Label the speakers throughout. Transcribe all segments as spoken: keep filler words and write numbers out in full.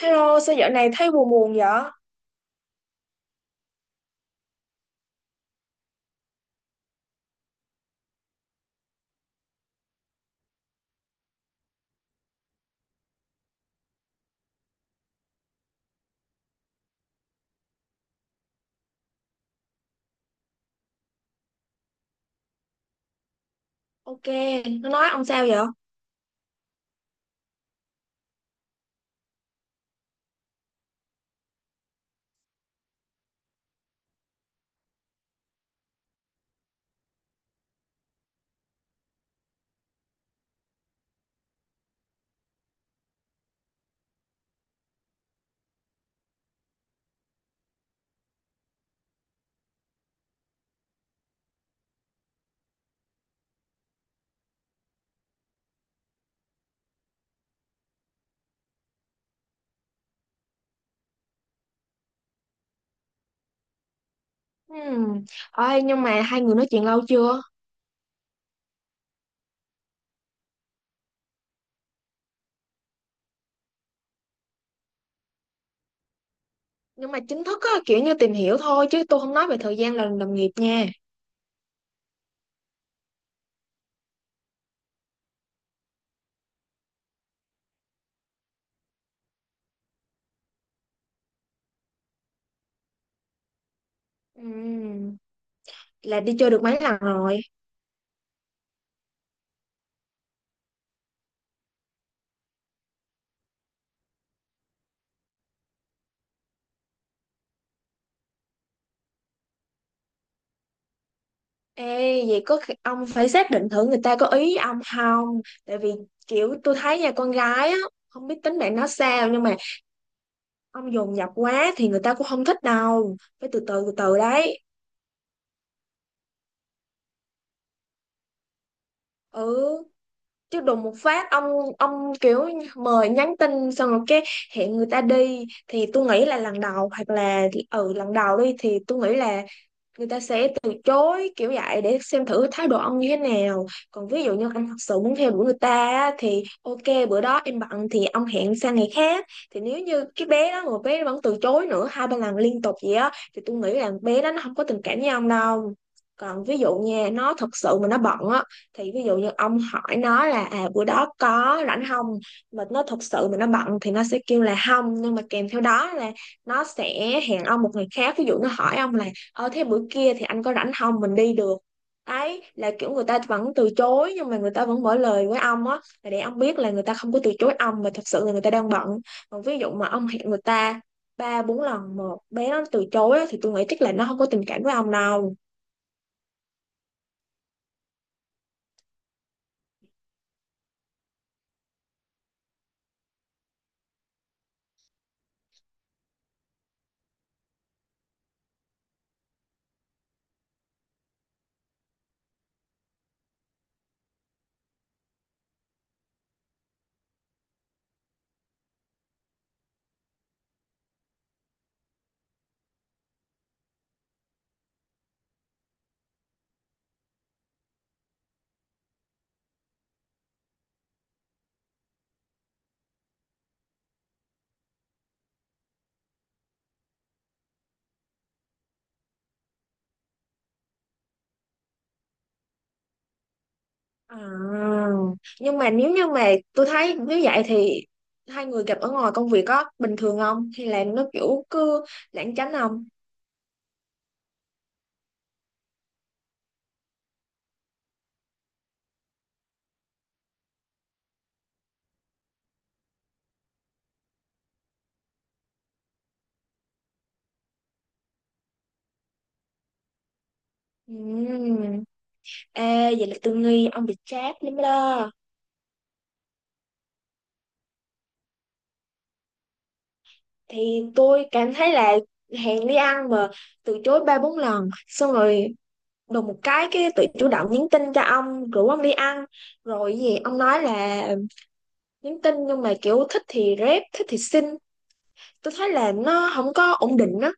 Speaker 1: Hello, sao dạo này thấy buồn buồn vậy? Ok, nó nói ông sao vậy? Hmm. Ôi, nhưng mà hai người nói chuyện lâu chưa? Nhưng mà chính thức á, kiểu như tìm hiểu thôi chứ tôi không nói về thời gian làm đồng nghiệp nha. Ừm, Là đi chơi được mấy lần rồi? Ê, vậy có khi- ông phải xác định thử người ta có ý với ông không? Tại vì kiểu tôi thấy nha con gái á, không biết tính bạn nó sao nhưng mà ông dồn dập quá thì người ta cũng không thích đâu. Phải từ từ từ từ đấy. Ừ. Chứ đùng một phát ông ông kiểu mời nhắn tin xong rồi cái hẹn người ta đi thì tôi nghĩ là lần đầu hoặc là ừ lần đầu đi thì tôi nghĩ là người ta sẽ từ chối kiểu vậy để xem thử thái độ ông như thế nào. Còn ví dụ như anh thật sự muốn theo đuổi người ta á, thì ok bữa đó em bận thì ông hẹn sang ngày khác. Thì nếu như cái bé đó mà bé nó vẫn từ chối nữa hai ba lần liên tục vậy á thì tôi nghĩ là bé đó nó không có tình cảm với ông đâu. Còn ví dụ nha, nó thật sự mà nó bận á, thì ví dụ như ông hỏi nó là à bữa đó có rảnh không, mà nó thật sự mà nó bận thì nó sẽ kêu là không, nhưng mà kèm theo đó là nó sẽ hẹn ông một ngày khác. Ví dụ nó hỏi ông là ờ thế bữa kia thì anh có rảnh không mình đi được, đấy là kiểu người ta vẫn từ chối nhưng mà người ta vẫn mở lời với ông á, là để ông biết là người ta không có từ chối ông mà thật sự là người ta đang bận. Còn ví dụ mà ông hẹn người ta ba bốn lần một bé nó từ chối á, thì tôi nghĩ chắc là nó không có tình cảm với ông đâu. À, nhưng mà nếu như mà tôi thấy nếu vậy thì hai người gặp ở ngoài công việc có bình thường không hay là nó kiểu cứ lảng tránh không? Ừm. Ê, vậy là tôi nghi ông bị trap lắm đó. Thì tôi cảm thấy là hẹn đi ăn mà từ chối ba bốn lần xong rồi đùng một cái cái tự chủ động nhắn tin cho ông rủ ông đi ăn, rồi cái gì ông nói là nhắn tin nhưng mà kiểu thích thì rep thích thì xin, tôi thấy là nó không có ổn định đó.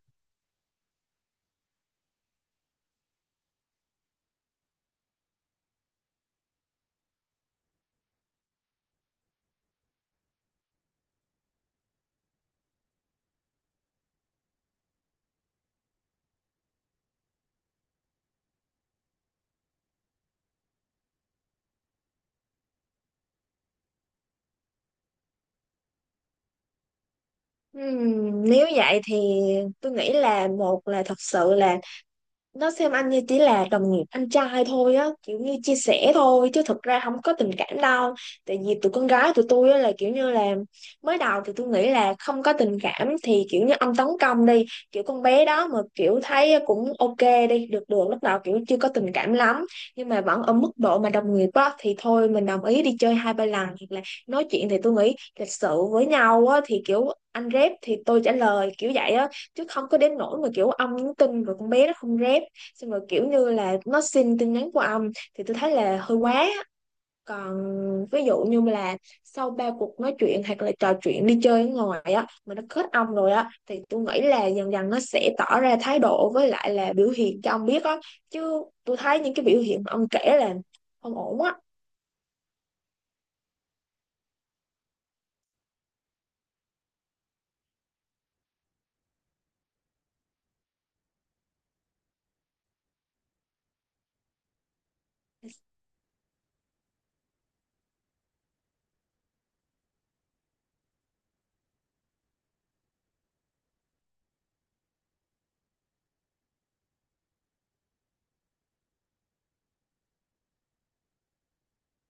Speaker 1: Ừm, nếu vậy thì tôi nghĩ là một là thật sự là nó xem anh như chỉ là đồng nghiệp anh trai thôi á, kiểu như chia sẻ thôi chứ thực ra không có tình cảm đâu. Tại vì tụi con gái tụi tôi á là kiểu như là mới đầu thì tôi nghĩ là không có tình cảm thì kiểu như ông tấn công đi, kiểu con bé đó mà kiểu thấy cũng ok, đi được được lúc nào kiểu chưa có tình cảm lắm nhưng mà vẫn ở mức độ mà đồng nghiệp á thì thôi mình đồng ý đi chơi hai ba lần, hoặc là nói chuyện thì tôi nghĩ lịch sự với nhau á thì kiểu anh rep thì tôi trả lời kiểu vậy á. Chứ không có đến nỗi mà kiểu ông nhắn tin rồi con bé nó không rep, xong rồi kiểu như là nó xin tin nhắn của ông, thì tôi thấy là hơi quá. Còn ví dụ như là sau ba cuộc nói chuyện hoặc là trò chuyện đi chơi ở ngoài á mà nó kết ông rồi á, thì tôi nghĩ là dần dần nó sẽ tỏ ra thái độ với lại là biểu hiện cho ông biết á. Chứ tôi thấy những cái biểu hiện mà ông kể là không ổn á.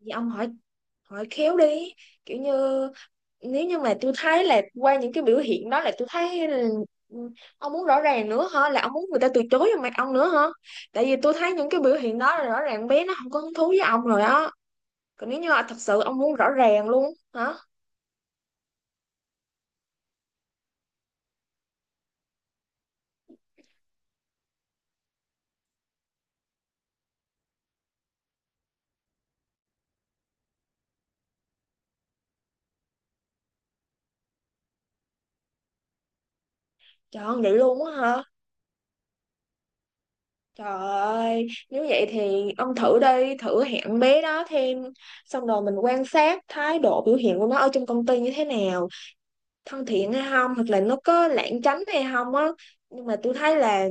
Speaker 1: Thì ông hỏi, hỏi khéo đi, kiểu như nếu như mà tôi thấy là qua những cái biểu hiện đó là tôi thấy là ông muốn rõ ràng nữa hả, là ông muốn người ta từ chối vào mặt ông nữa hả? Tại vì tôi thấy những cái biểu hiện đó là rõ ràng bé nó không có hứng thú với ông rồi đó. Còn nếu như là thật sự ông muốn rõ ràng luôn. Hả? Trời ơi, vậy luôn á hả? Trời ơi, nếu vậy thì ông thử đi, thử hẹn bé đó thêm, xong rồi mình quan sát thái độ biểu hiện của nó ở trong công ty như thế nào, thân thiện hay không hoặc là nó có lãng tránh hay không á. Nhưng mà tôi thấy là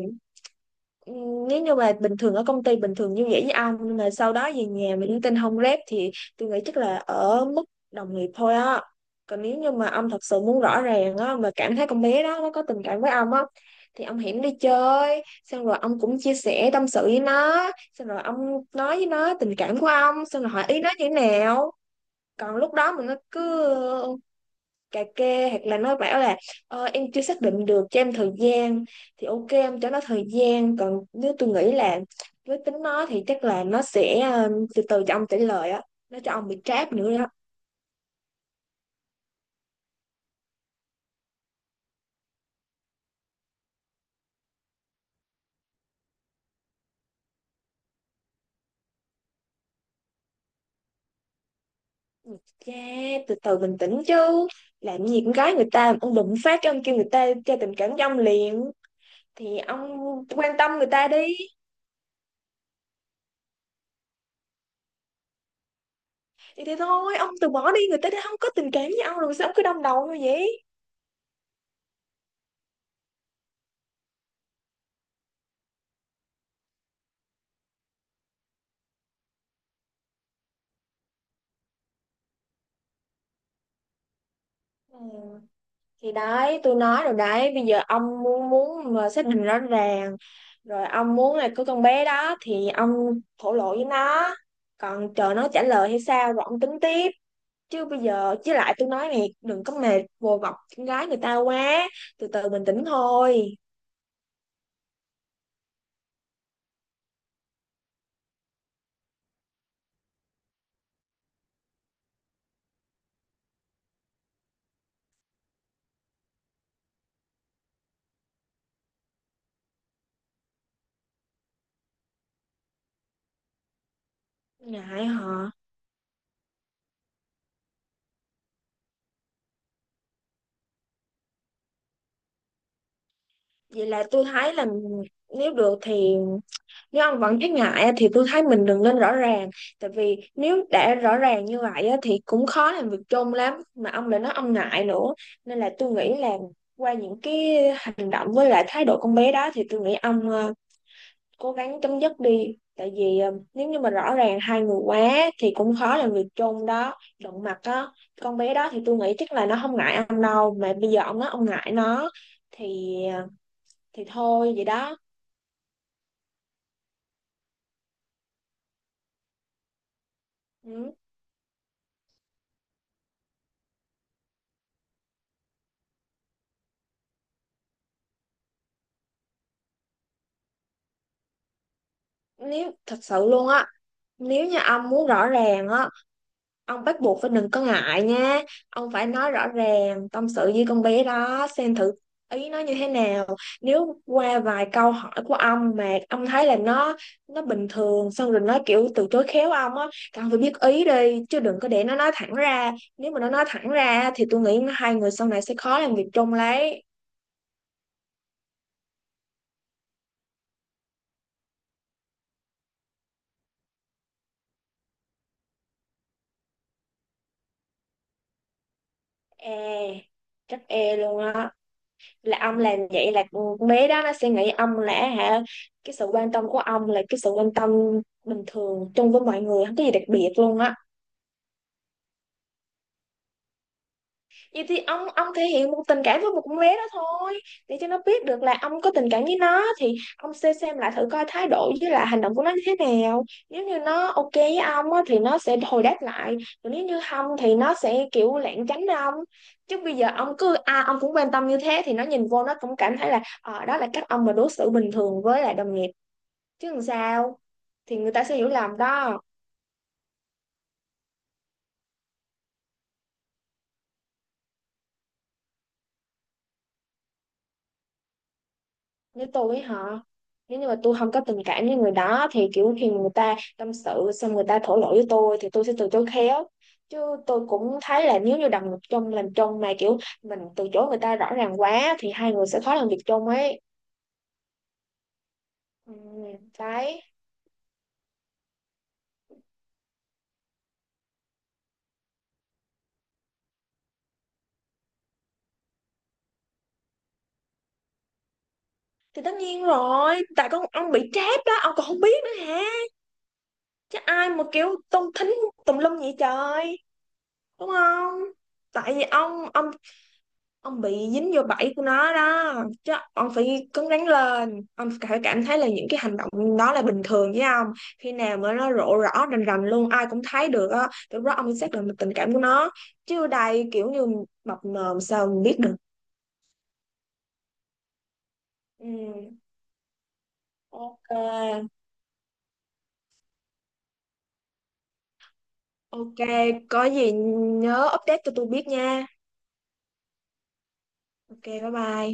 Speaker 1: ừ, nếu như mà bình thường ở công ty bình thường như vậy với ông nhưng mà sau đó về nhà mà linh tinh không rep thì tôi nghĩ chắc là ở mức đồng nghiệp thôi á. Còn nếu như mà ông thật sự muốn rõ ràng á mà cảm thấy con bé đó nó có tình cảm với ông á, thì ông hẹn đi chơi xong rồi ông cũng chia sẻ tâm sự với nó, xong rồi ông nói với nó tình cảm của ông, xong rồi hỏi ý nó như thế nào. Còn lúc đó mà nó cứ cà kê hoặc là nói bảo là ờ, em chưa xác định được cho em thời gian, thì ok em cho nó thời gian. Còn nếu tôi nghĩ là với tính nó thì chắc là nó sẽ ờ, từ từ cho ông trả lời á, nó cho ông bị trap nữa đó. Yeah, từ từ bình tĩnh chứ, làm gì con gái người ta ông đụng phát cái ông kêu người ta cho tình cảm cho ông liền. Thì ông quan tâm người ta đi. Thì thế thôi, ông từ bỏ đi, người ta đã không có tình cảm với ông rồi sao ông cứ đâm đầu như vậy. Ừ. Thì đấy tôi nói rồi đấy, bây giờ ông muốn muốn mà xác định rõ ràng, rồi ông muốn là có con bé đó thì ông thổ lộ với nó, còn chờ nó trả lời hay sao rồi ông tính tiếp. Chứ bây giờ chứ lại tôi nói này, đừng có mệt vồ vập con gái người ta quá. Từ từ bình tĩnh thôi. Ngại họ. Vậy là tôi thấy là nếu được thì nếu ông vẫn thấy ngại á, thì tôi thấy mình đừng nên rõ ràng. Tại vì nếu đã rõ ràng như vậy á, thì cũng khó làm việc chung lắm mà ông lại nói ông ngại nữa. Nên là tôi nghĩ là qua những cái hành động với lại thái độ con bé đó thì tôi nghĩ ông ờ, cố gắng chấm dứt đi. Tại vì ờ, nếu như mà rõ ràng hai người quá thì cũng khó làm việc chung đó, đụng mặt á. Con bé đó thì tôi nghĩ chắc là nó không ngại ông đâu mà bây giờ ông nói ông ngại nó, thì ờ, thì thôi vậy đó. Ừ. Nếu thật sự luôn á. Nếu như ông muốn rõ ràng á, ông bắt buộc phải đừng có ngại nha. Ông phải nói rõ ràng, tâm sự với con bé đó, xem thử ý nó như thế nào. Nếu qua vài câu hỏi của ông mà ông thấy là nó nó bình thường, xong rồi nó kiểu từ chối khéo ông á, thì ông phải biết ý đi, chứ đừng có để nó nói thẳng ra. Nếu mà nó nói thẳng ra thì tôi nghĩ hai người sau này sẽ khó làm việc chung lấy. E, chắc e luôn á. Là ông làm vậy là con bé đó nó sẽ nghĩ ông là hả, cái sự quan tâm của ông là cái sự quan tâm bình thường chung với mọi người không có gì đặc biệt luôn á. Vậy thì ông ông thể hiện một tình cảm với một con bé đó thôi, để cho nó biết được là ông có tình cảm với nó, thì ông sẽ xem lại thử coi thái độ với là hành động của nó như thế nào. Nếu như nó ok với ông á, thì nó sẽ hồi đáp lại. Còn nếu như không thì nó sẽ kiểu lảng tránh ông. Chứ bây giờ ông cứ à ông cũng quan tâm như thế thì nó nhìn vô nó cũng cảm thấy là ờ đó là cách ông mà đối xử bình thường với lại đồng nghiệp, chứ làm sao, thì người ta sẽ hiểu lầm đó. Nếu tôi với họ, nếu như mà tôi không có tình cảm với người đó thì kiểu khi người ta tâm sự xong người ta thổ lộ với tôi thì tôi sẽ từ chối khéo. Chứ tôi cũng thấy là nếu như đồng nghiệp chung làm chung mà kiểu mình từ chối người ta rõ ràng quá thì hai người sẽ khó làm việc chung ấy. Ừ, đấy. Thì tất nhiên rồi, tại con ông bị trap đó ông còn không biết nữa hả? Chứ ai mà kiểu tung thính tùm lum vậy trời, đúng không? Tại vì ông ông ông bị dính vô bẫy của nó đó. Chứ ông phải cứng rắn lên, ông phải cảm thấy là những cái hành động đó là bình thường với ông. Khi nào mà nó rộ rõ rành rành luôn ai cũng thấy được á thì lúc đó ông mới xác định được tình cảm của nó. Chứ đây kiểu như mập mờ sao mình biết được. Ừ, ok. Ok, có gì nhớ update cho tôi biết nha. Ok, bye bye.